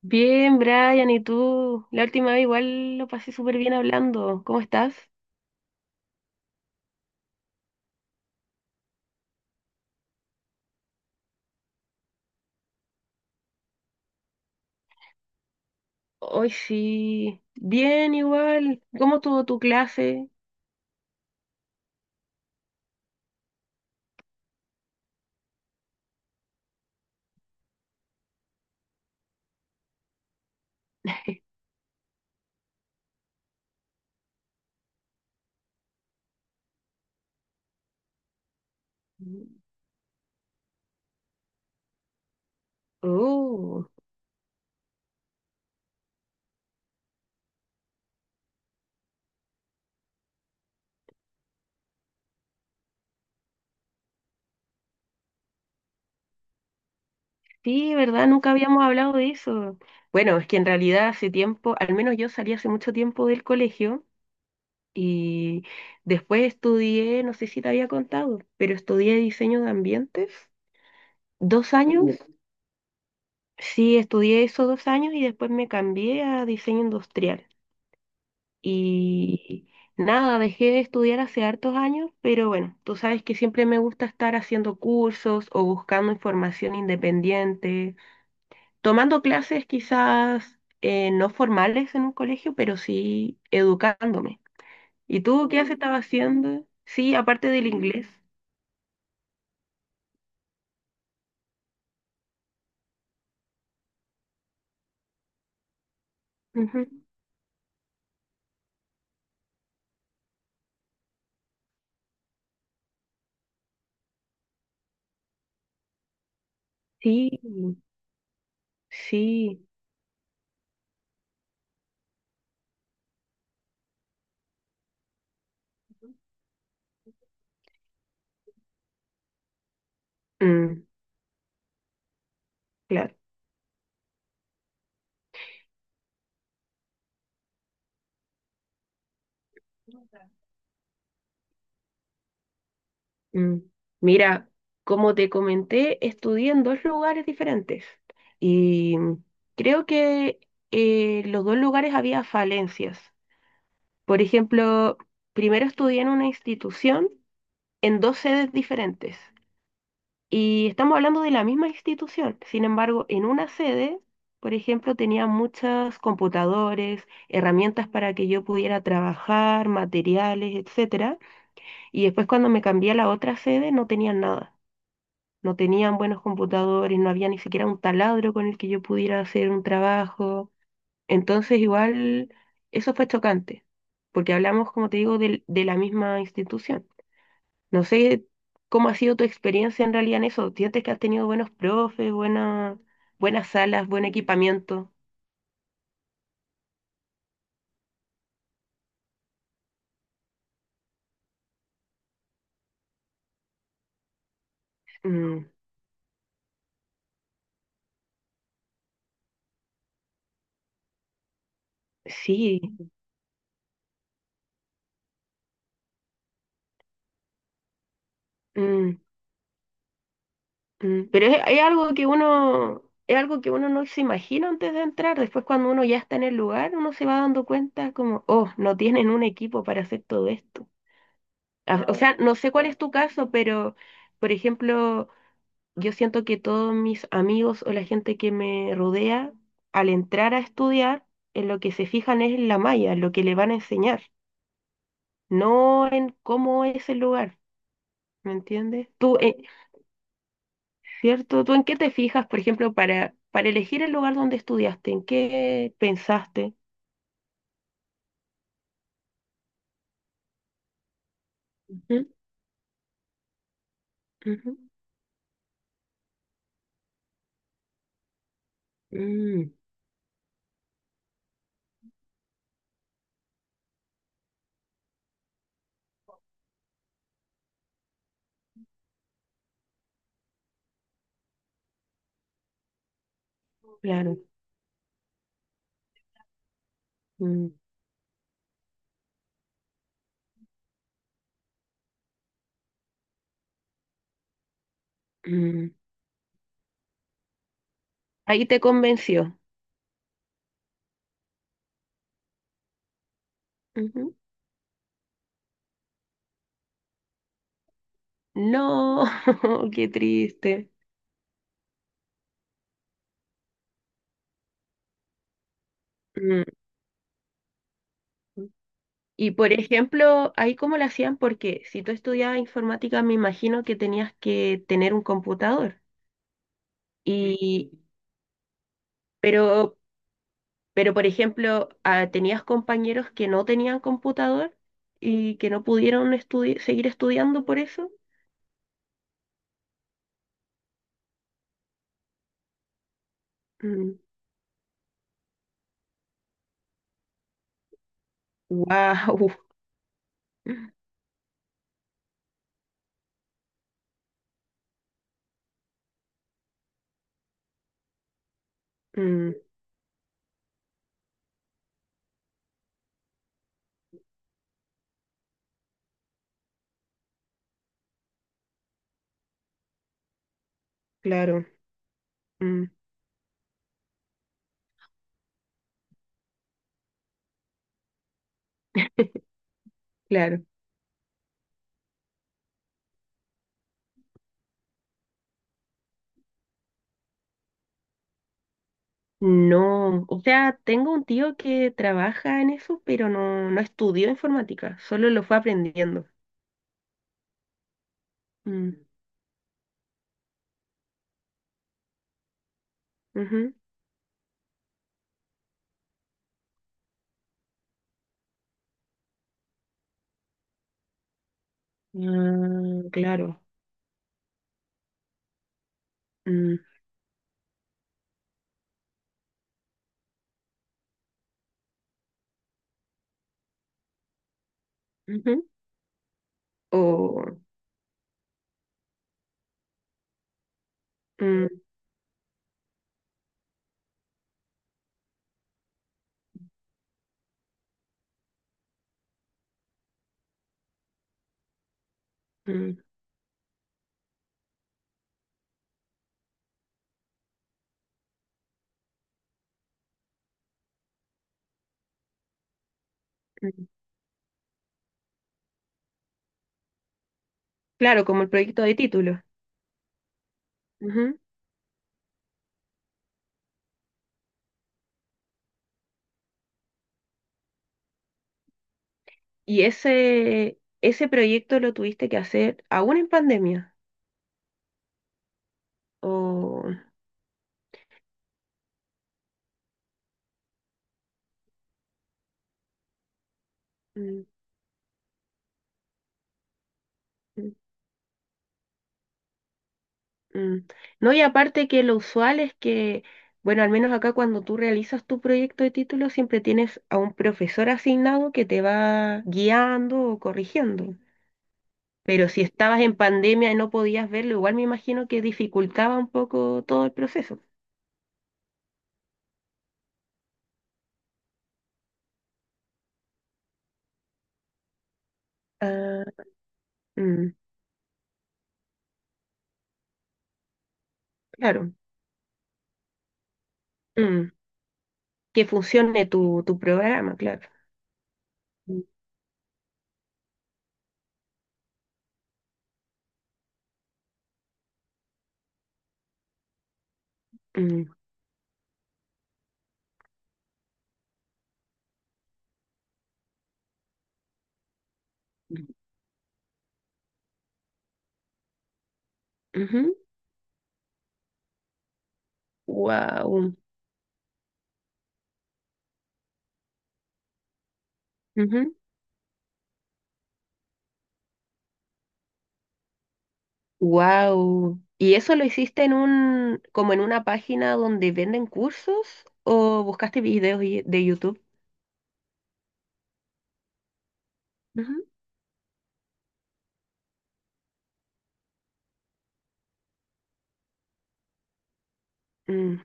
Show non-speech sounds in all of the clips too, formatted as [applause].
Bien, Brian, ¿y tú? La última vez igual lo pasé súper bien hablando. ¿Cómo estás? Hoy sí. Bien, igual. ¿Cómo estuvo tu clase? Oh, sí, ¿verdad? Nunca habíamos hablado de eso. Bueno, es que en realidad hace tiempo, al menos yo salí hace mucho tiempo del colegio y después estudié, no sé si te había contado, pero estudié diseño de ambientes. ¿Dos años? Sí, estudié eso dos años y después me cambié a diseño industrial. Y nada, dejé de estudiar hace hartos años, pero bueno, tú sabes que siempre me gusta estar haciendo cursos o buscando información independiente, tomando clases quizás no formales en un colegio, pero sí educándome. ¿Y tú qué has estado haciendo? Sí, aparte del inglés. Ujú. Sí, sí. Mm, claro. Mm, mira, como te comenté, estudié en dos lugares diferentes y creo que los dos lugares había falencias. Por ejemplo, primero estudié en una institución en dos sedes diferentes y estamos hablando de la misma institución. Sin embargo, en una sede, por ejemplo, tenía muchos computadores, herramientas para que yo pudiera trabajar, materiales, etcétera. Y después cuando me cambié a la otra sede no tenía nada, no tenían buenos computadores, no había ni siquiera un taladro con el que yo pudiera hacer un trabajo. Entonces, igual, eso fue chocante, porque hablamos, como te digo, la misma institución. No sé cómo ha sido tu experiencia en realidad en eso. ¿Sientes que has tenido buenos profes, buenas salas, buen equipamiento? Mm, sí. Mm. Mm, pero es algo que uno, es algo que uno no se imagina antes de entrar. Después, cuando uno ya está en el lugar, uno se va dando cuenta como, oh, no tienen un equipo para hacer todo esto. A- O sea, no sé cuál es tu caso, pero, por ejemplo, yo siento que todos mis amigos o la gente que me rodea, al entrar a estudiar, en lo que se fijan es en la malla, en lo que le van a enseñar, no en cómo es el lugar. ¿Me entiendes? ¿Tú, ¿cierto? ¿Tú en qué te fijas, por ejemplo, para elegir el lugar donde estudiaste? ¿En qué pensaste? Ujú, ujú. Mm, claro. Mm, mm. Ahí te convenció. Ujú. No, [laughs] qué triste. Mm. Y por ejemplo, ahí cómo lo hacían, porque si tú estudiabas informática, me imagino que tenías que tener un computador. Y, pero Pero, por ejemplo, ah, tenías compañeros que no tenían computador y que no pudieron seguir estudiando por eso. Mm. Wow. [laughs] Mm, claro. Mm, claro. No, o sea, tengo un tío que trabaja en eso, pero no, no estudió informática, solo lo fue aprendiendo. Mm, ujú. Mm, claro. Mm, ujú. O, mm, mm, mm. Claro, como el proyecto de título. ¿Y ese proyecto lo tuviste que hacer aún en pandemia? O... Mm, mm, mm. No, y aparte que lo usual es que, bueno, al menos acá cuando tú realizas tu proyecto de título, siempre tienes a un profesor asignado que te va guiando o corrigiendo. Pero si estabas en pandemia y no podías verlo, igual me imagino que dificultaba un poco todo el proceso. Ah, mm, claro. Mm, que funcione tu programa, claro. Mm, mm, mm, ujú. Wow. Wow. ¿Y eso lo hiciste en un, como en una página donde venden cursos o buscaste videos de YouTube? Ujú. Mm,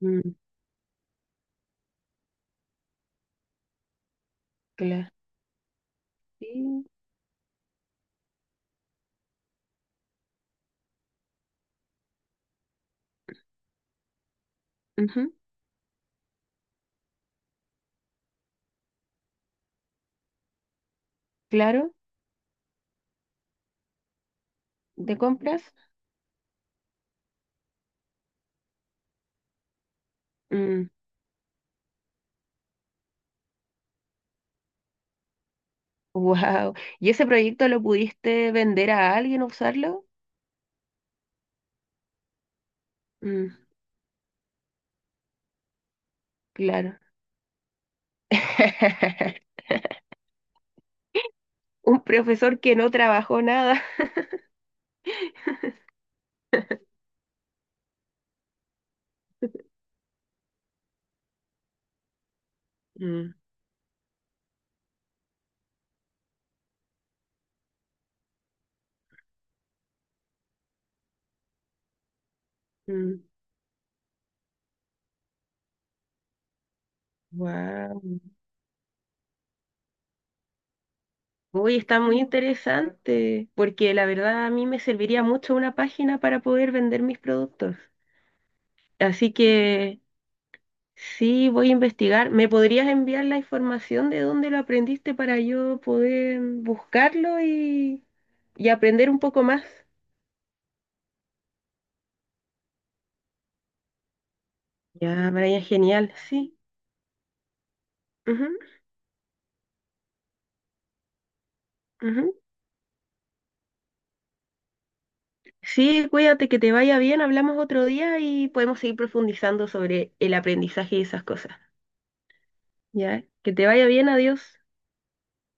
mm, cla- sí, ujú. Claro, de compras. Mm, wow. ¿Y ese proyecto lo pudiste vender a alguien, usarlo? Mm, claro. [laughs] Un profesor que no trabajó nada. [laughs] Mm, mm, wow. Uy, está muy interesante, porque la verdad a mí me serviría mucho una página para poder vender mis productos. Así que sí, voy a investigar. ¿Me podrías enviar la información de dónde lo aprendiste para yo poder buscarlo y aprender un poco más? Ya, Brian, genial, sí. Ujú, ujú. Sí, cuídate, que te vaya bien. Hablamos otro día y podemos seguir profundizando sobre el aprendizaje y esas cosas. Ya, que te vaya bien, adiós.